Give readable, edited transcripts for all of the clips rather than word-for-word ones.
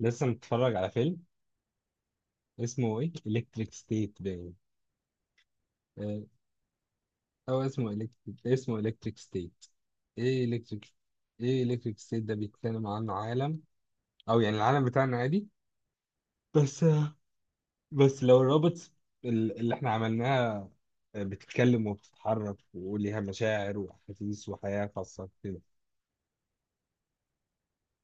لسه متفرج على فيلم. اسمه ايه؟ الكتريك ستيت باين. آه، او اسمه الكتريك ستيت. ايه الكتريك ايه الكتريك ستيت ده بيتكلم عن عالم، او يعني العالم بتاعنا عادي، بس. لو الروبوتس اللي احنا عملناها، بتتكلم وبتتحرك وليها مشاعر واحاسيس وحياة خاصة كده.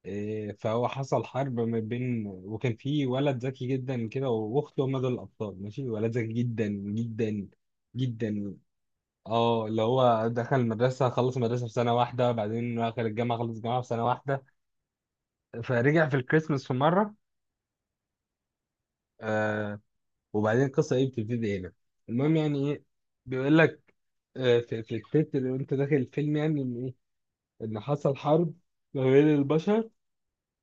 فهو حصل حرب ما بين، وكان في ولد ذكي جدا كده واخته، هما دول الابطال. ماشي، ولد ذكي جدا جدا جدا، اه اللي هو دخل المدرسة، خلص المدرسة في سنة واحدة، بعدين دخل الجامعة خلص الجامعة في سنة واحدة. فرجع في الكريسماس في مرة. آه وبعدين القصة ايه؟ بتبتدي هنا المهم. يعني ايه؟ بيقول لك آه في التتر وانت داخل الفيلم يعني ان ايه؟ ان حصل حرب ما بين البشر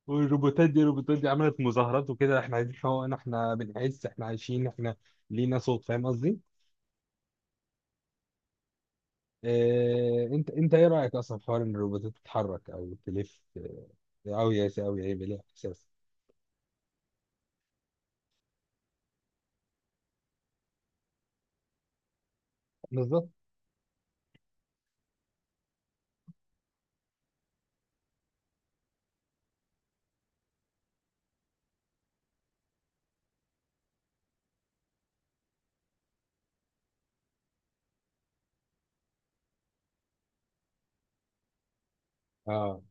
والروبوتات. دي الروبوتات دي عملت مظاهرات وكده، احنا عايزين حقوقنا، احنا بنعز، احنا عايشين، احنا لينا صوت. فاهم قصدي؟ آه، انت ايه رأيك اصلا في حوار ان الروبوتات تتحرك او تلف أوي؟ أوي هيبقى ليها إحساس، بالظبط. اه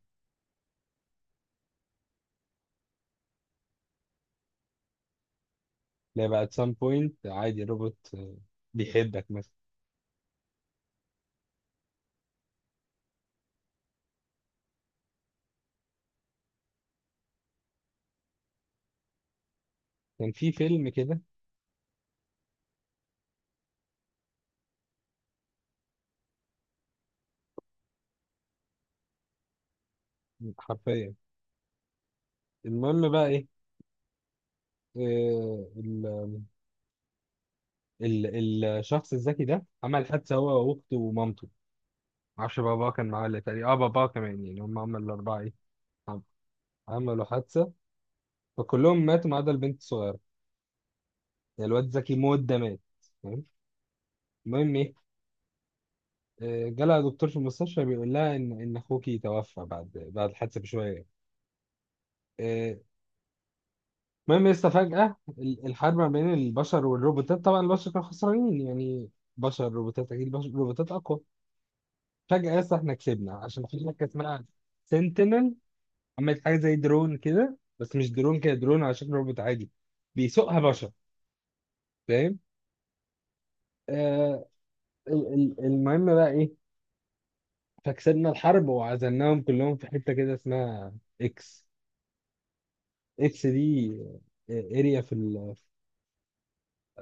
لا، بقى at some point عادي الروبوت آه، بيحبك مثلا. كان في فيلم كده حرفيا. المهم بقى ايه؟ آه، ال الشخص الذكي ده عمل حادثة هو وأخته ومامته، معرفش باباه كان معاه ولا، تقريبا اه باباه كمان يعني، هم عملوا الأربعة ايه؟ عم- عملوا حادثة فكلهم ماتوا ما عدا البنت الصغيرة. يعني الواد ذكي موت ده مات، فاهم. المهم ايه؟ آه، جالها دكتور في المستشفى بيقول لها ان اخوكي توفى بعد الحادثه بشويه. آه، المهم لسه، فجأة الحرب ما بين البشر والروبوتات، طبعا البشر كانوا خسرانين يعني. بشر روبوتات، أكيد بشر روبوتات أقوى. فجأة لسه إحنا كسبنا عشان في حاجة اسمها سنتينل، عملت حاجة زي درون كده، بس مش درون كده، درون على شكل روبوت عادي بيسوقها بشر، فاهم. آه، المهم بقى إيه؟ فكسبنا الحرب وعزلناهم كلهم في حتة كده اسمها إكس. إكس دي اريا في.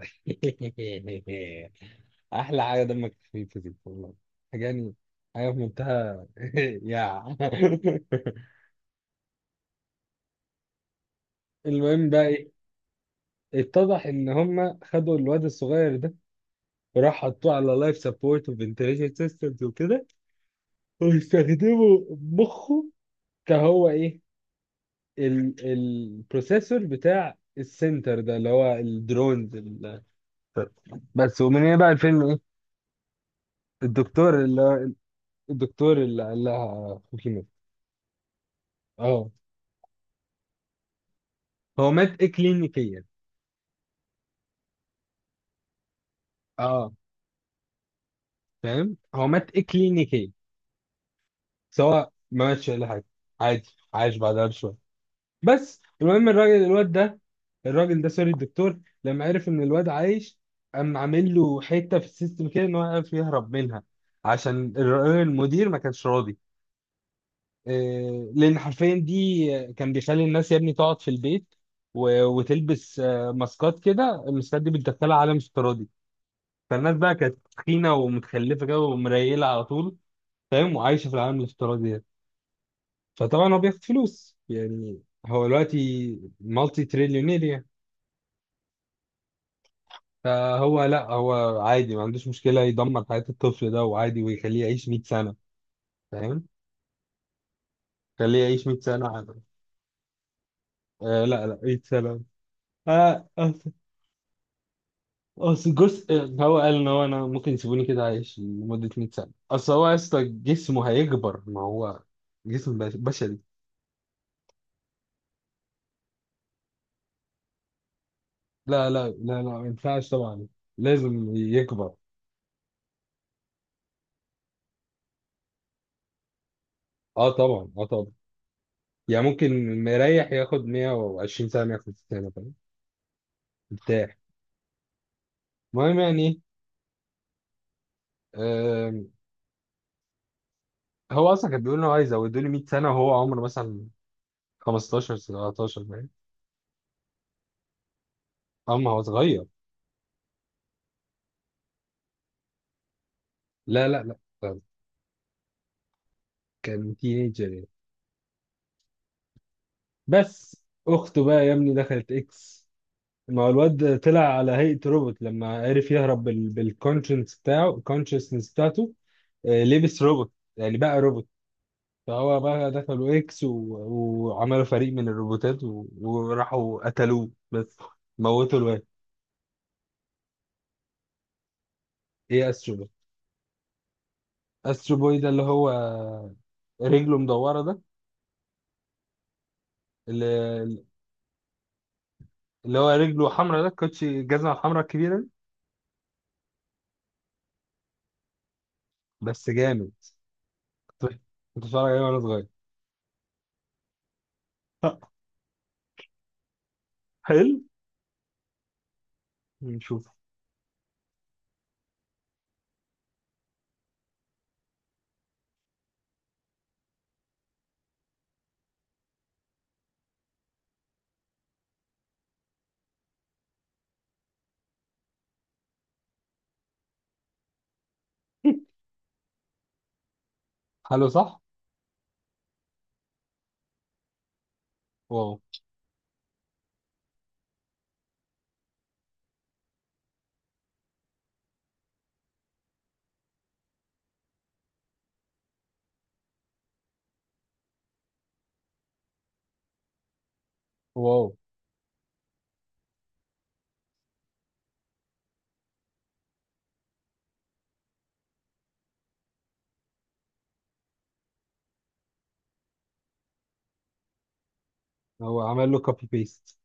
احلى حاجه دمك خفيف دي والله. حاجه يعني، حاجه في منتهى يا المهم بقى ايه؟ اتضح ان هم خدوا الواد الصغير ده، وراح حطوه على لايف سبورت وفنتليشن سيستمز وكده، ويستخدموا مخه كهو ايه، ال البروسيسور بتاع السنتر ده اللي هو الدرونز بس. ومن هنا بقى الفيلم ايه؟ الدكتور اللي الدكتور اللي قال لها خوكي مات. اه، هو مات اكلينيكيا. اه فاهم، هو مات اكلينيكيا سواء ما ماتش ولا حاجه، عادي، عايش بعدها بشويه. بس المهم الراجل الواد ده، الراجل ده، سوري، الدكتور، لما عرف ان الواد عايش قام عامل له حته في السيستم كده ان هو يعرف يهرب منها، عشان المدير ما كانش راضي. إيه، لان حرفيا دي كان بيخلي الناس يا ابني تقعد في البيت وتلبس آه، ماسكات كده، الماسكات دي بتدخلها عالم افتراضي. فالناس بقى كانت تخينه ومتخلفه كده ومريله على طول، فاهم، وعايشه في العالم الافتراضي ده. فطبعا هو بياخد فلوس يعني، هو دلوقتي مالتي تريليونير يعني. فهو لا، هو عادي ما عندوش مشكله يدمر حياه الطفل ده وعادي ويخليه يعيش 100 سنه، فاهم، خليه يعيش 100 سنه عادي. آه لا لا، 100 سنه. آه أصل، أصل جزء، هو قال إن هو، أنا ممكن يسيبوني كده عايش لمدة 100 سنة، أصل هو يا اسطى جسمه هيكبر ما هو جسم بشري. لا لا لا لا، ما ينفعش طبعا، لازم يكبر. اه طبعا اه طبعا، يعني ممكن مريح ياخد 120 سنه 150 سنه، فاهم، مرتاح. المهم يعني آم، هو اصلا كان بيقول انه عايز يزودوا لي 100 سنه، وهو عمره مثلا 15 17، فاهم، اما هو صغير. لا لا لا لا، كان تينيجر يعني. بس اخته بقى يا ابني دخلت اكس، ما هو الواد طلع على هيئه روبوت لما عرف يهرب بالكونشنس بتاعه، الكونشنس بتاعته، آه، لبس روبوت يعني بقى روبوت. فهو بقى دخلوا اكس وعملوا فريق من الروبوتات وراحوا قتلوه بس، موتوا الواد. ايه استرو بوي؟ استرو بوي ده اللي هو رجله مدورة ده؟ اللي, اللي هو رجله حمرا ده كوتشي الجزمة الحمرا الكبيرة دي. بس جامد، كنت كنت بتفرج عليه وانا صغير. حلو نشوف. حلو صح. واو. واو، هو عمل له كوبي بيست.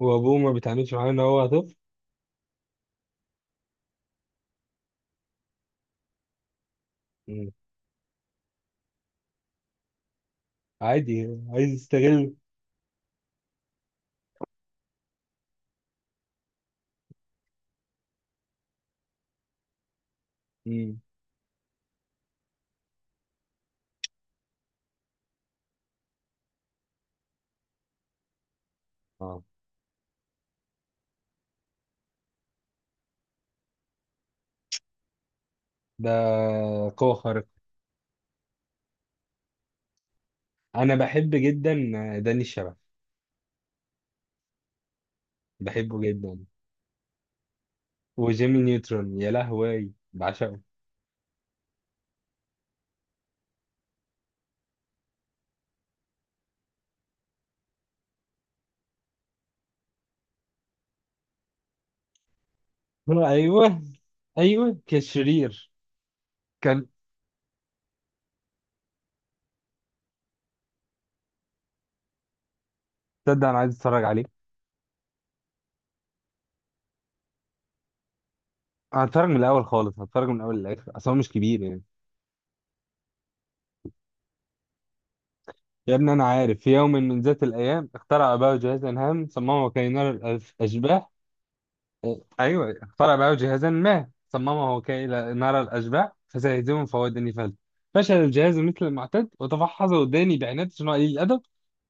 وابوه ما بيتعاملش معاه ان هو طفل. مم. عادي عايز يستغل. مم. اه ده قوة خارقة. انا بحب جدا داني الشبح، بحبه جدا. وجيمي نيوترون يا لهوي بعشقه. ايوه ايوه، كان شرير. كان، تصدق انا عايز اتفرج عليه. هتفرج من الاول خالص، هتفرج من الاول للاخر، اصل هو مش كبير يعني. يا ابني انا عارف، في يوم من ذات الايام اخترع اباه جهازا هام، صممه كي نرى الاشباح. إيه، ايوه، اخترع اباه جهازا ما صممه كي نرى الاشباح فسيهزمهم فهو داني فلت. فشل الجهاز مثل المعتاد وتفحصه داني بعناد صناعي الادب.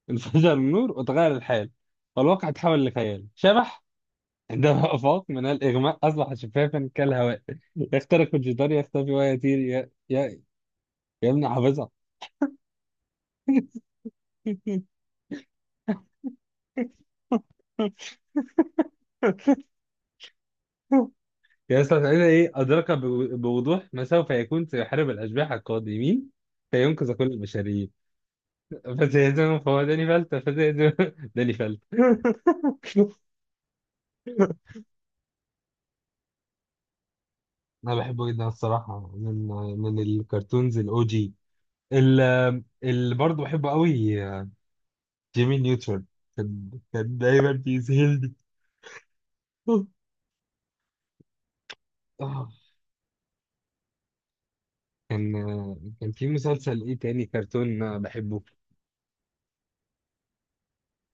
انفجر النور وتغير الحال، والواقع تحول لخيال شبح عندما أفاق من الإغماء، أصبح شفافا كالهواء، يخترق الجدار يختفي ويطير، ي... يمنع حافظها يستطيع إيه أدرك بوضوح ما سوف يكون، سيحارب الأشباح القادمين فينقذ كل البشرية، فسيهزمهم فهو داني فلت، فسيهزم داني فلت أنا بحبه جدا الصراحة. من الكرتونز الأو جي، اللي برضه بحبه قوي، جيمي نيوترون. كان دايما بيذهلني. آه. كان كان في مسلسل ايه تاني كرتون بحبه